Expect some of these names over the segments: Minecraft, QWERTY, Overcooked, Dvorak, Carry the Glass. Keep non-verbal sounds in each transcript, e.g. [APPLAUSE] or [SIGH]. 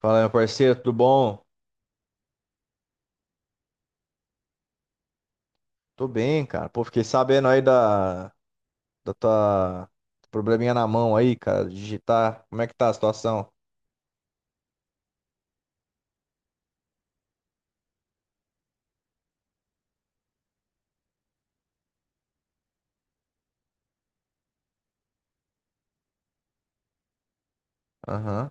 Fala, meu parceiro, tudo bom? Tô bem, cara. Pô, fiquei sabendo aí da tua probleminha na mão aí, cara, de digitar. Como é que tá a situação? Aham.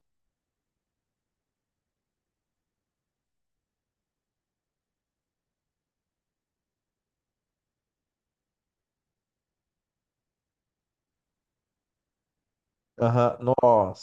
Aham. Nossa.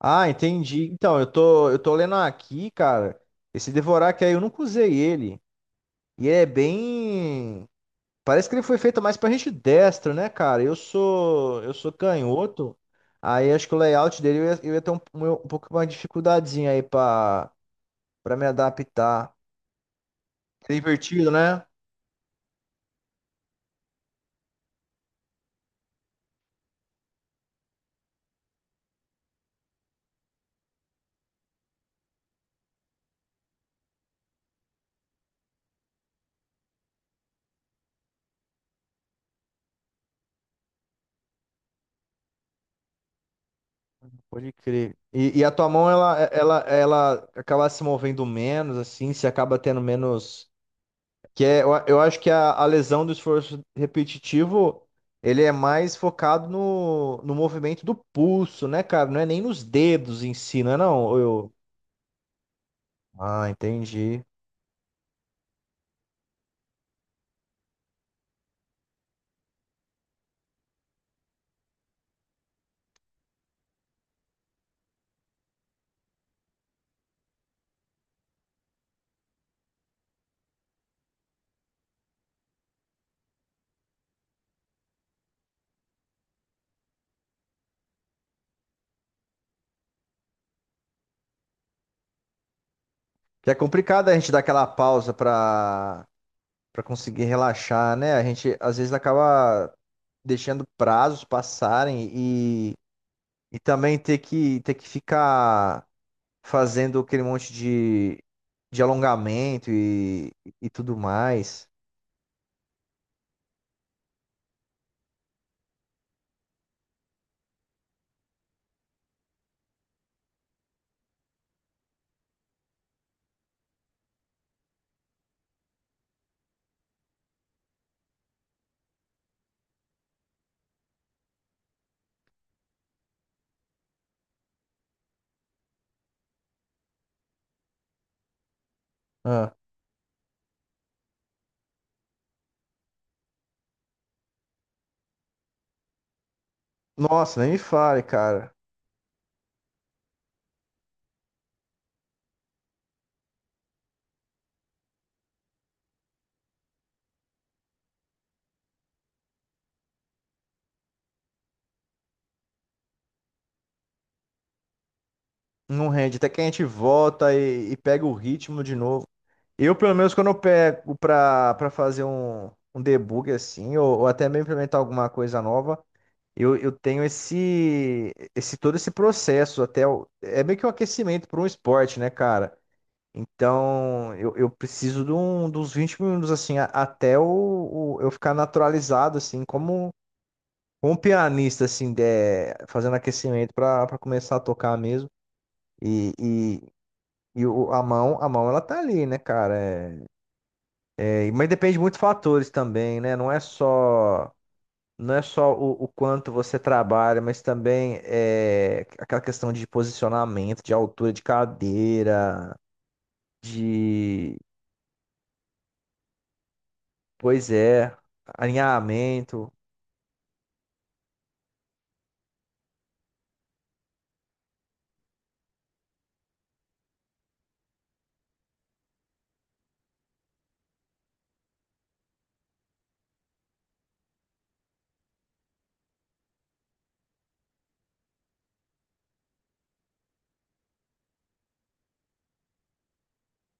Ah, entendi. Então, eu tô lendo aqui, cara. Esse Devorak aí, eu nunca usei ele. E é bem. Parece que ele foi feito mais pra gente destro, né, cara? Eu sou canhoto. Aí acho que o layout dele eu ia ter um pouco mais de dificuldadezinha aí pra me adaptar. É divertido, né? Pode crer. E a tua mão, ela acaba se movendo menos, assim, se acaba tendo menos. Que é, eu acho que a lesão do esforço repetitivo, ele é mais focado no movimento do pulso, né, cara? Não é nem nos dedos em si, não é não? Ou Ah, entendi. Que é complicado a gente dar aquela pausa pra conseguir relaxar, né? A gente, às vezes, acaba deixando prazos passarem. E também ter que ficar fazendo aquele monte de alongamento e tudo mais. Ah. Nossa, nem me fale, cara. Não rende. Até que a gente volta e pega o ritmo de novo. Eu, pelo menos, quando eu pego pra fazer um debug assim, ou até mesmo implementar alguma coisa nova, eu tenho esse todo esse processo é meio que um aquecimento para um esporte, né, cara? Então, eu preciso dos 20 minutos, assim, até eu ficar naturalizado, assim, como, como um pianista, assim, fazendo aquecimento para começar a tocar mesmo. E, e, e o, a mão, ela tá ali, né, cara? Mas depende de muitos fatores também, né? Não é só o quanto você trabalha, mas também é aquela questão de posicionamento, de altura de cadeira, de Pois é, alinhamento,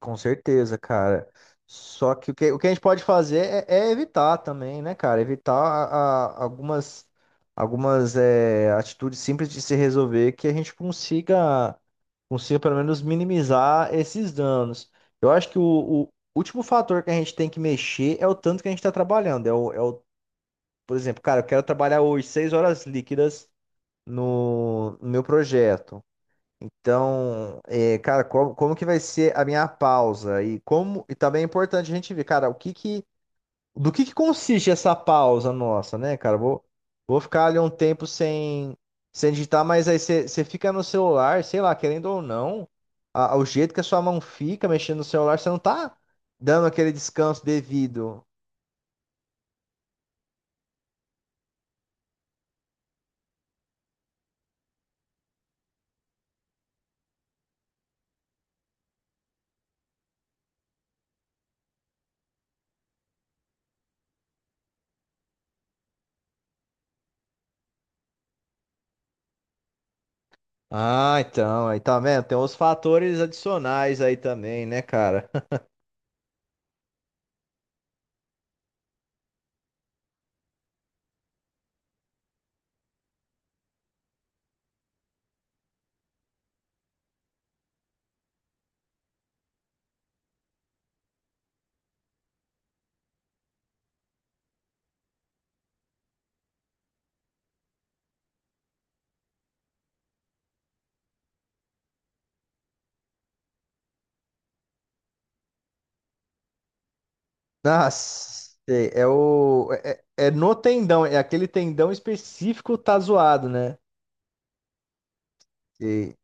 com certeza, cara. Só que o que a gente pode fazer é evitar também, né, cara? Evitar algumas, atitudes simples de se resolver que a gente consiga pelo menos minimizar esses danos. Eu acho que o último fator que a gente tem que mexer é o tanto que a gente está trabalhando. Por exemplo, cara, eu quero trabalhar hoje 6 horas líquidas no meu projeto. Então, é, cara, como que vai ser a minha pausa? E como e também é importante a gente ver, cara, o que que do que consiste essa pausa nossa, né, cara? Vou ficar ali um tempo sem digitar, mas aí você fica no celular, sei lá, querendo ou não, o jeito que a sua mão fica mexendo no celular, você não tá dando aquele descanso devido. Ah, então, aí tá vendo? Tem uns fatores adicionais aí também, né, cara? Nossa, sei, é o. É no tendão, é aquele tendão específico tá zoado, né? Sei.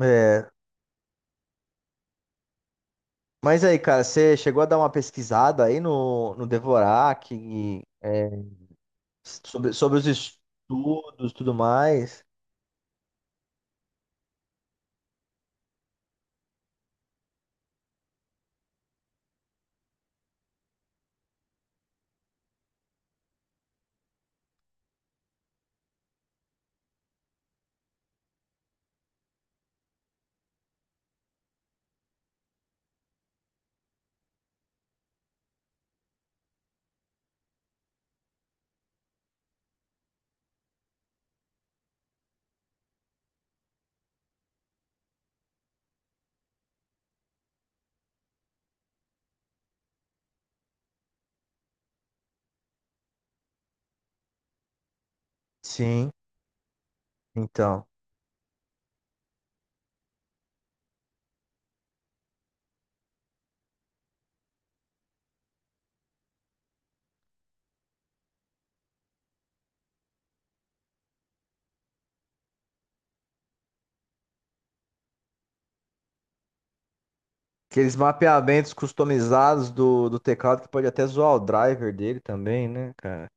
É. Mas aí, cara, você chegou a dar uma pesquisada aí no Dvorak, e, é, sobre os estudos e tudo mais? Sim, então. Aqueles mapeamentos customizados do teclado que pode até zoar o driver dele também, né, cara?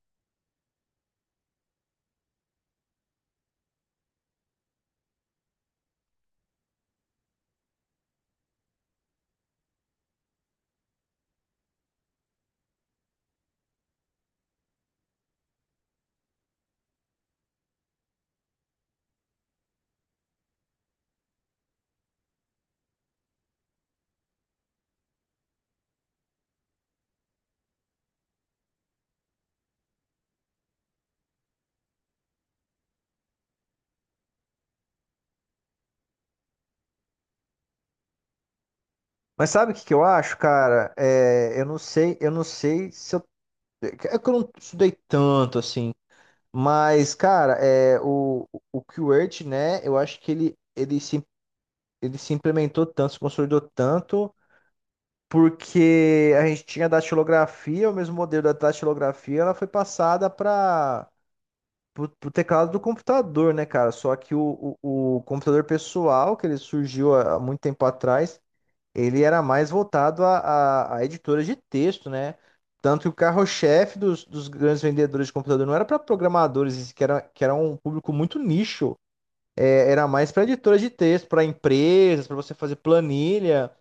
Mas sabe o que que eu acho, cara? É, eu não sei se eu. É que eu não estudei tanto assim. Mas, cara, é, o QWERTY, né? Eu acho que ele se implementou tanto, se consolidou tanto, porque a gente tinha a datilografia, o mesmo modelo da datilografia, ela foi passada para o teclado do computador, né, cara? Só que o computador pessoal, que ele surgiu há há muito tempo atrás, ele era mais voltado a editoras de texto, né? Tanto que o carro-chefe dos grandes vendedores de computador não era para programadores, que era um público muito nicho. É, era mais para editoras de texto, para empresas, para você fazer planilha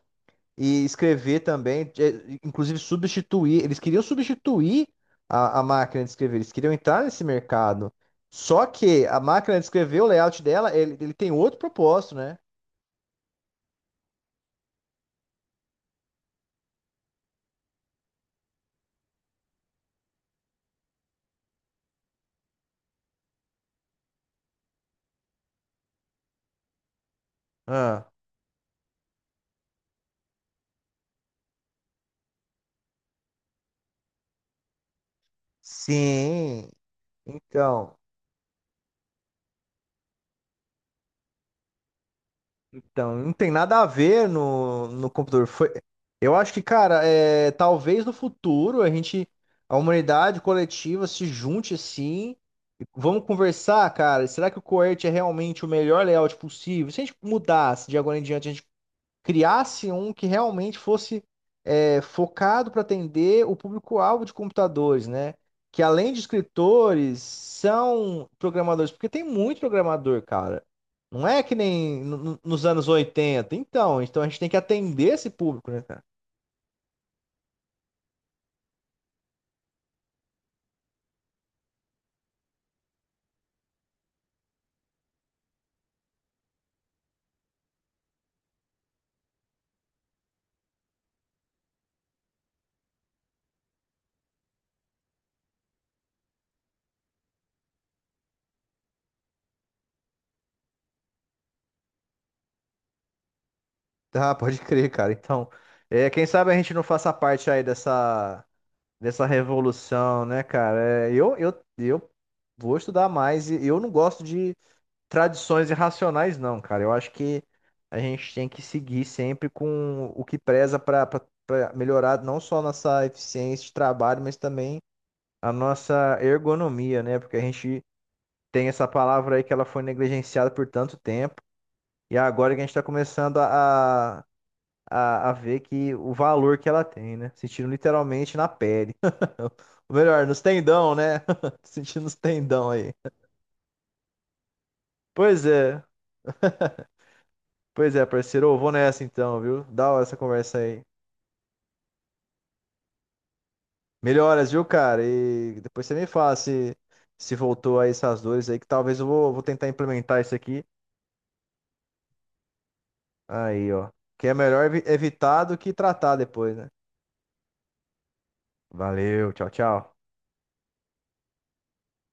e escrever também, é, inclusive substituir. Eles queriam substituir a máquina de escrever, eles queriam entrar nesse mercado. Só que a máquina de escrever, o layout dela, ele tem outro propósito, né? Ah, sim, então. Então, não tem nada a ver no computador. Foi, eu acho que, cara, é, talvez no futuro a humanidade coletiva se junte assim. E Vamos conversar, cara. Será que o coert é realmente o melhor layout possível? Se a gente mudasse de agora em diante, a gente criasse um que realmente fosse é, focado para atender o público-alvo de computadores, né? Que além de escritores, são programadores, porque tem muito programador, cara. Não é que nem nos anos 80. Então, então a gente tem que atender esse público, né, cara? Tá, pode crer, cara. Então, é, quem sabe a gente não faça parte aí dessa revolução, né, cara? É, eu vou estudar mais. E Eu não gosto de tradições irracionais, não, cara. Eu acho que a gente tem que seguir sempre com o que preza para melhorar não só a nossa eficiência de trabalho, mas também a nossa ergonomia, né? Porque a gente tem essa palavra aí que ela foi negligenciada por tanto tempo e é agora que a gente está começando a ver que o valor que ela tem, né? Sentindo literalmente na pele. [LAUGHS] Ou melhor, nos tendão, né? [LAUGHS] Sentindo nos tendão aí. Pois é. Pois é, parceiro, eu vou nessa então, viu? Da hora essa conversa aí. Melhoras, viu, cara? E depois você me fala se, se voltou aí essas dores aí, que talvez vou tentar implementar isso aqui. Aí, ó. Que é melhor evitar do que tratar depois, né? Valeu, tchau, tchau.